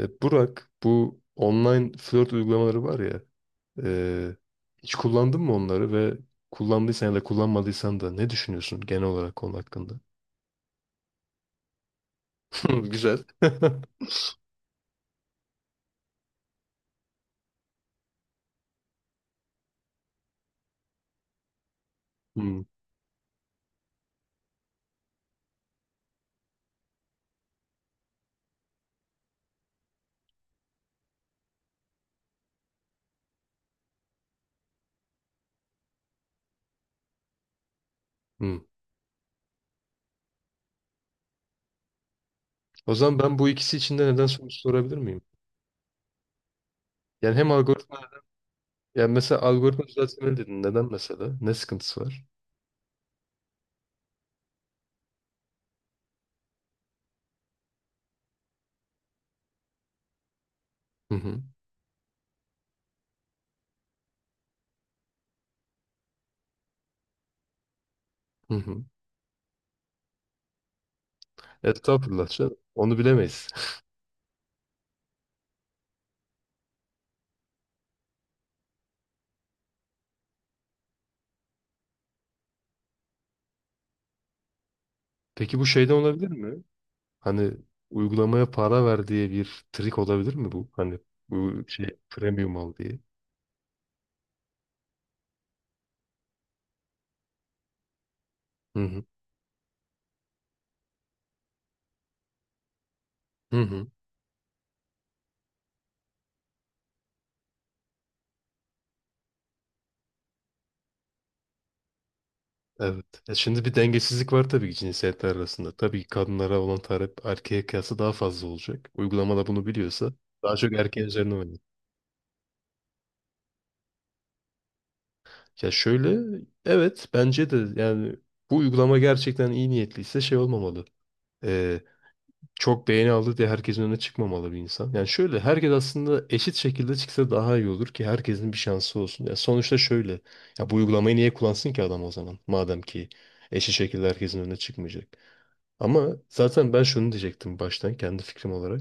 Burak, bu online flört uygulamaları var ya, e, hiç kullandın mı onları ve kullandıysan ya da kullanmadıysan da ne düşünüyorsun genel olarak konu hakkında? Güzel. Hmm, hmm. O zaman ben bu ikisi içinde neden soru sorabilir miyim? Yani hem algoritma, yani mesela algoritma düzeltmeli dedin. Neden mesela? Ne sıkıntısı var? Hı hı, hı hı. Estağfurullah canım. Onu bilemeyiz. Peki bu şeyden olabilir mi? Hani uygulamaya para ver diye bir trik olabilir mi bu? Hani bu şey premium al diye. Hı hı. Hı hı. Evet. E, şimdi bir dengesizlik var tabii ki cinsiyetler arasında. Tabii ki kadınlara olan talep erkeğe kıyasla daha fazla olacak. Uygulamada bunu biliyorsa daha çok erkeğin üzerine oynuyor. Ya şöyle, evet bence de yani bu uygulama gerçekten iyi niyetliyse şey olmamalı. E, Çok beğeni aldı diye herkesin önüne çıkmamalı bir insan. Yani şöyle herkes aslında eşit şekilde çıksa daha iyi olur ki herkesin bir şansı olsun. Ya sonuçta şöyle, ya bu uygulamayı niye kullansın ki adam o zaman madem ki eşit şekilde herkesin önüne çıkmayacak. Ama zaten ben şunu diyecektim baştan kendi fikrim olarak.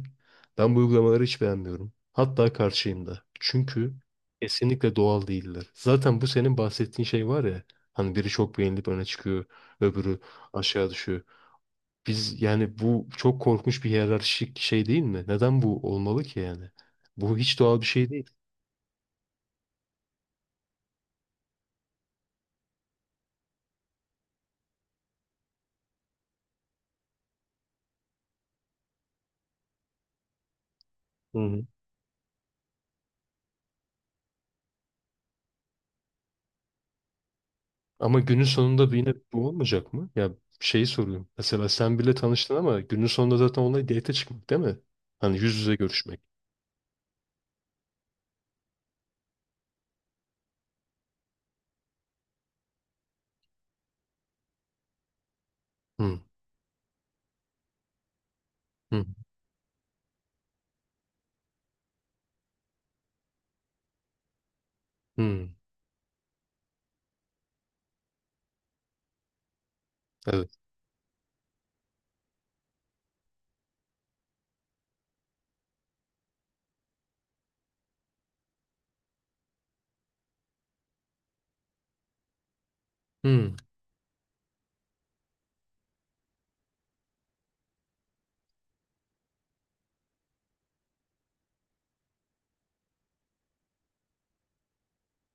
Ben bu uygulamaları hiç beğenmiyorum. Hatta karşıyım da. Çünkü kesinlikle doğal değiller. Zaten bu senin bahsettiğin şey var ya. Hani biri çok beğenilip öne çıkıyor, öbürü aşağı düşüyor. Biz yani bu çok korkmuş bir hiyerarşik şey değil mi? Neden bu olmalı ki yani? Bu hiç doğal bir şey değil. Hı hı. Ama günün sonunda da yine bu olmayacak mı? Ya şeyi soruyorum. Mesela sen bile tanıştın ama günün sonunda zaten olay date çıkmak değil mi? Hani yüz yüze görüşmek. Hı, hı, hı. Evet. Hı.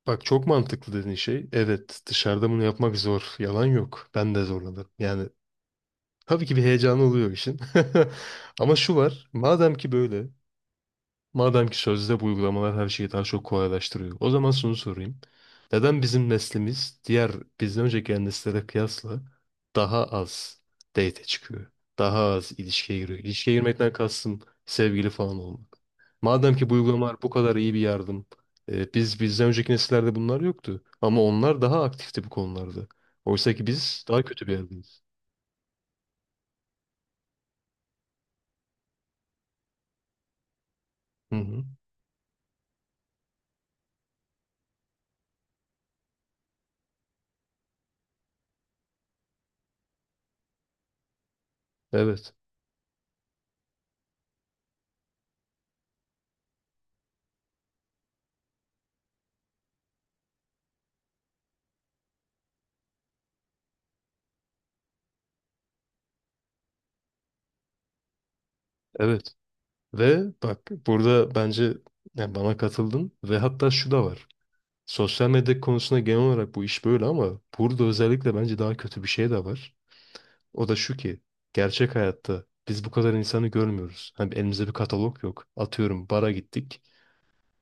Bak çok mantıklı dediğin şey. Evet, dışarıda bunu yapmak zor. Yalan yok. Ben de zorlanırım. Yani tabii ki bir heyecanı oluyor işin. Ama şu var. Madem ki sözde bu uygulamalar her şeyi daha çok kolaylaştırıyor. O zaman şunu sorayım. Neden bizim neslimiz diğer bizden önceki gelen nesillere kıyasla daha az date çıkıyor? Daha az ilişkiye giriyor. İlişkiye girmekten kastım sevgili falan olmak. Madem ki bu uygulamalar bu kadar iyi bir yardım. Biz bizden önceki nesillerde bunlar yoktu. Ama onlar daha aktifti bu konularda. Oysa ki biz daha kötü bir yerdeyiz. Hı hı. Evet. Evet. Ve bak burada bence yani bana katıldın ve hatta şu da var. Sosyal medya konusunda genel olarak bu iş böyle ama burada özellikle bence daha kötü bir şey de var. O da şu ki gerçek hayatta biz bu kadar insanı görmüyoruz. Hani elimizde bir katalog yok. Atıyorum bara gittik.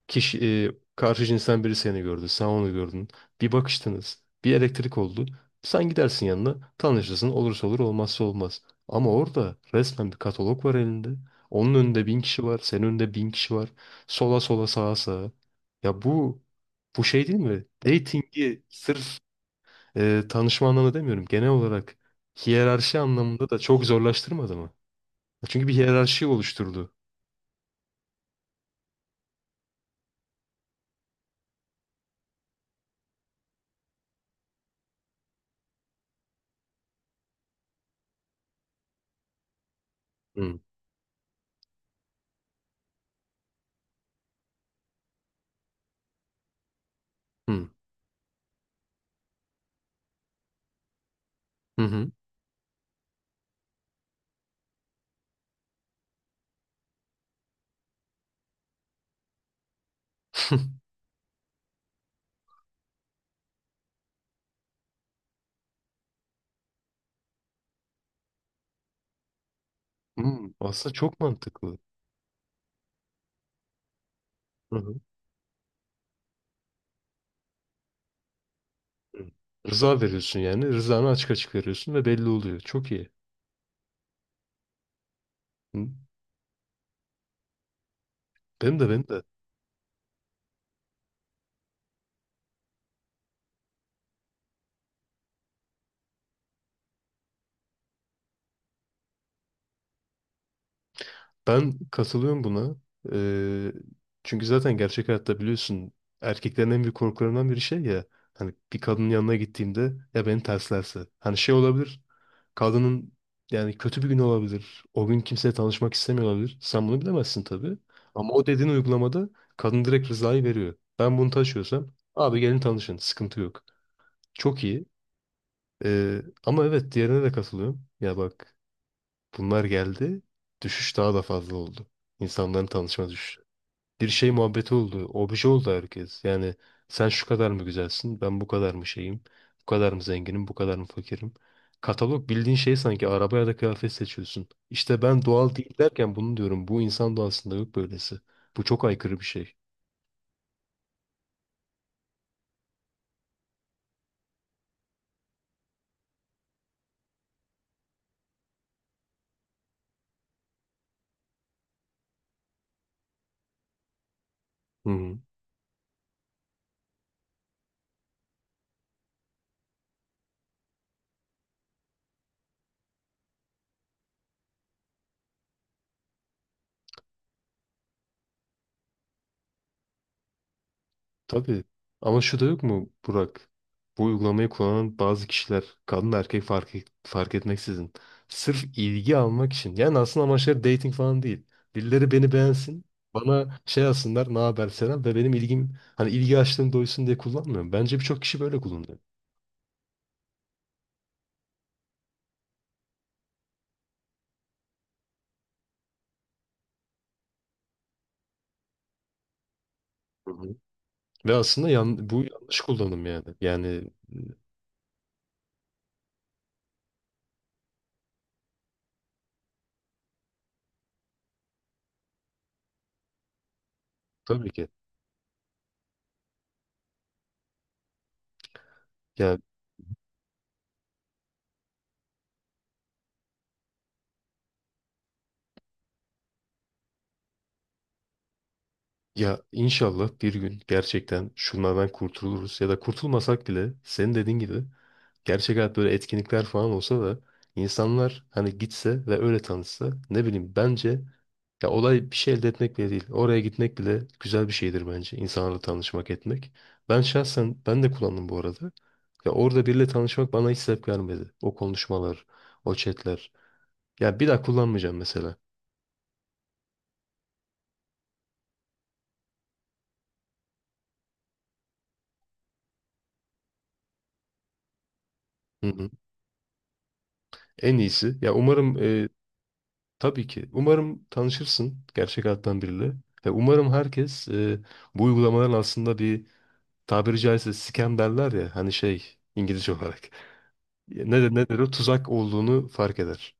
Kişi, karşı cinsten biri seni gördü, sen onu gördün. Bir bakıştınız, bir elektrik oldu. Sen gidersin yanına, tanışırsın, olursa olur, olmazsa olmaz. Ama orada resmen bir katalog var elinde. Onun önünde bin kişi var, senin önünde bin kişi var. Sola sola sağa sağa. Ya bu, bu şey değil mi? Dating'i sırf tanışma anlamında demiyorum. Genel olarak hiyerarşi anlamında da çok zorlaştırmadı mı? Çünkü bir hiyerarşi oluşturdu. Hı hı hı. Hı. Hmm, aslında çok mantıklı. Hı hı. Hı. Rıza veriyorsun yani. Rızanı açık açık veriyorsun ve belli oluyor. Çok iyi. Hı. Benim de, benim de. Ben katılıyorum buna. Ee, çünkü zaten gerçek hayatta biliyorsun erkeklerin en büyük korkularından biri şey ya. Hani bir kadının yanına gittiğimde ya beni terslerse. Hani şey olabilir. Kadının yani kötü bir gün olabilir. O gün kimseye tanışmak istemiyor olabilir. Sen bunu bilemezsin tabii. Ama o dediğin uygulamada kadın direkt rızayı veriyor. Ben bunu taşıyorsam abi gelin tanışın. Sıkıntı yok. Çok iyi. Ama evet diğerine de katılıyorum. Ya bak bunlar geldi. Düşüş daha da fazla oldu. İnsanların tanışma düşüşü. Bir şey muhabbeti oldu. Obje oldu herkes. Yani sen şu kadar mı güzelsin? Ben bu kadar mı şeyim? Bu kadar mı zenginim? Bu kadar mı fakirim? Katalog bildiğin şey, sanki araba ya da kıyafet seçiyorsun. İşte ben doğal değil derken bunu diyorum. Bu insan doğasında yok böylesi. Bu çok aykırı bir şey. Hı hı. Tabii. Ama şu da yok mu Burak? Bu uygulamayı kullanan bazı kişiler kadın da erkek fark etmeksizin sırf ilgi almak için. Yani aslında amaçları dating falan değil. Birileri beni beğensin. Bana şey yazsınlar ne haber selam ve benim ilgim hani ilgi açlığım doysun diye kullanmıyorum. Bence birçok kişi böyle kullanıyor. Hı hı. Ve aslında bu yanlış kullanım yani. Tabii ki. Ya inşallah bir gün gerçekten şunlardan kurtuluruz ya da kurtulmasak bile senin dediğin gibi gerçek hayat böyle etkinlikler falan olsa da insanlar hani gitse ve öyle tanışsa ne bileyim bence ya olay bir şey elde etmek bile değil. Oraya gitmek bile güzel bir şeydir bence insanlarla tanışmak etmek. Ben şahsen ben de kullandım bu arada. Ya orada biriyle tanışmak bana hiç sebep vermedi. O konuşmalar, o chatler. Ya bir daha kullanmayacağım mesela. Hı hı. En iyisi. Ya umarım. Tabii ki. Umarım tanışırsın gerçek hayattan biriyle. Ve umarım herkes bu uygulamaların aslında bir, tabiri caizse scam derler ya hani şey İngilizce olarak. Ne de ne de o tuzak olduğunu fark eder.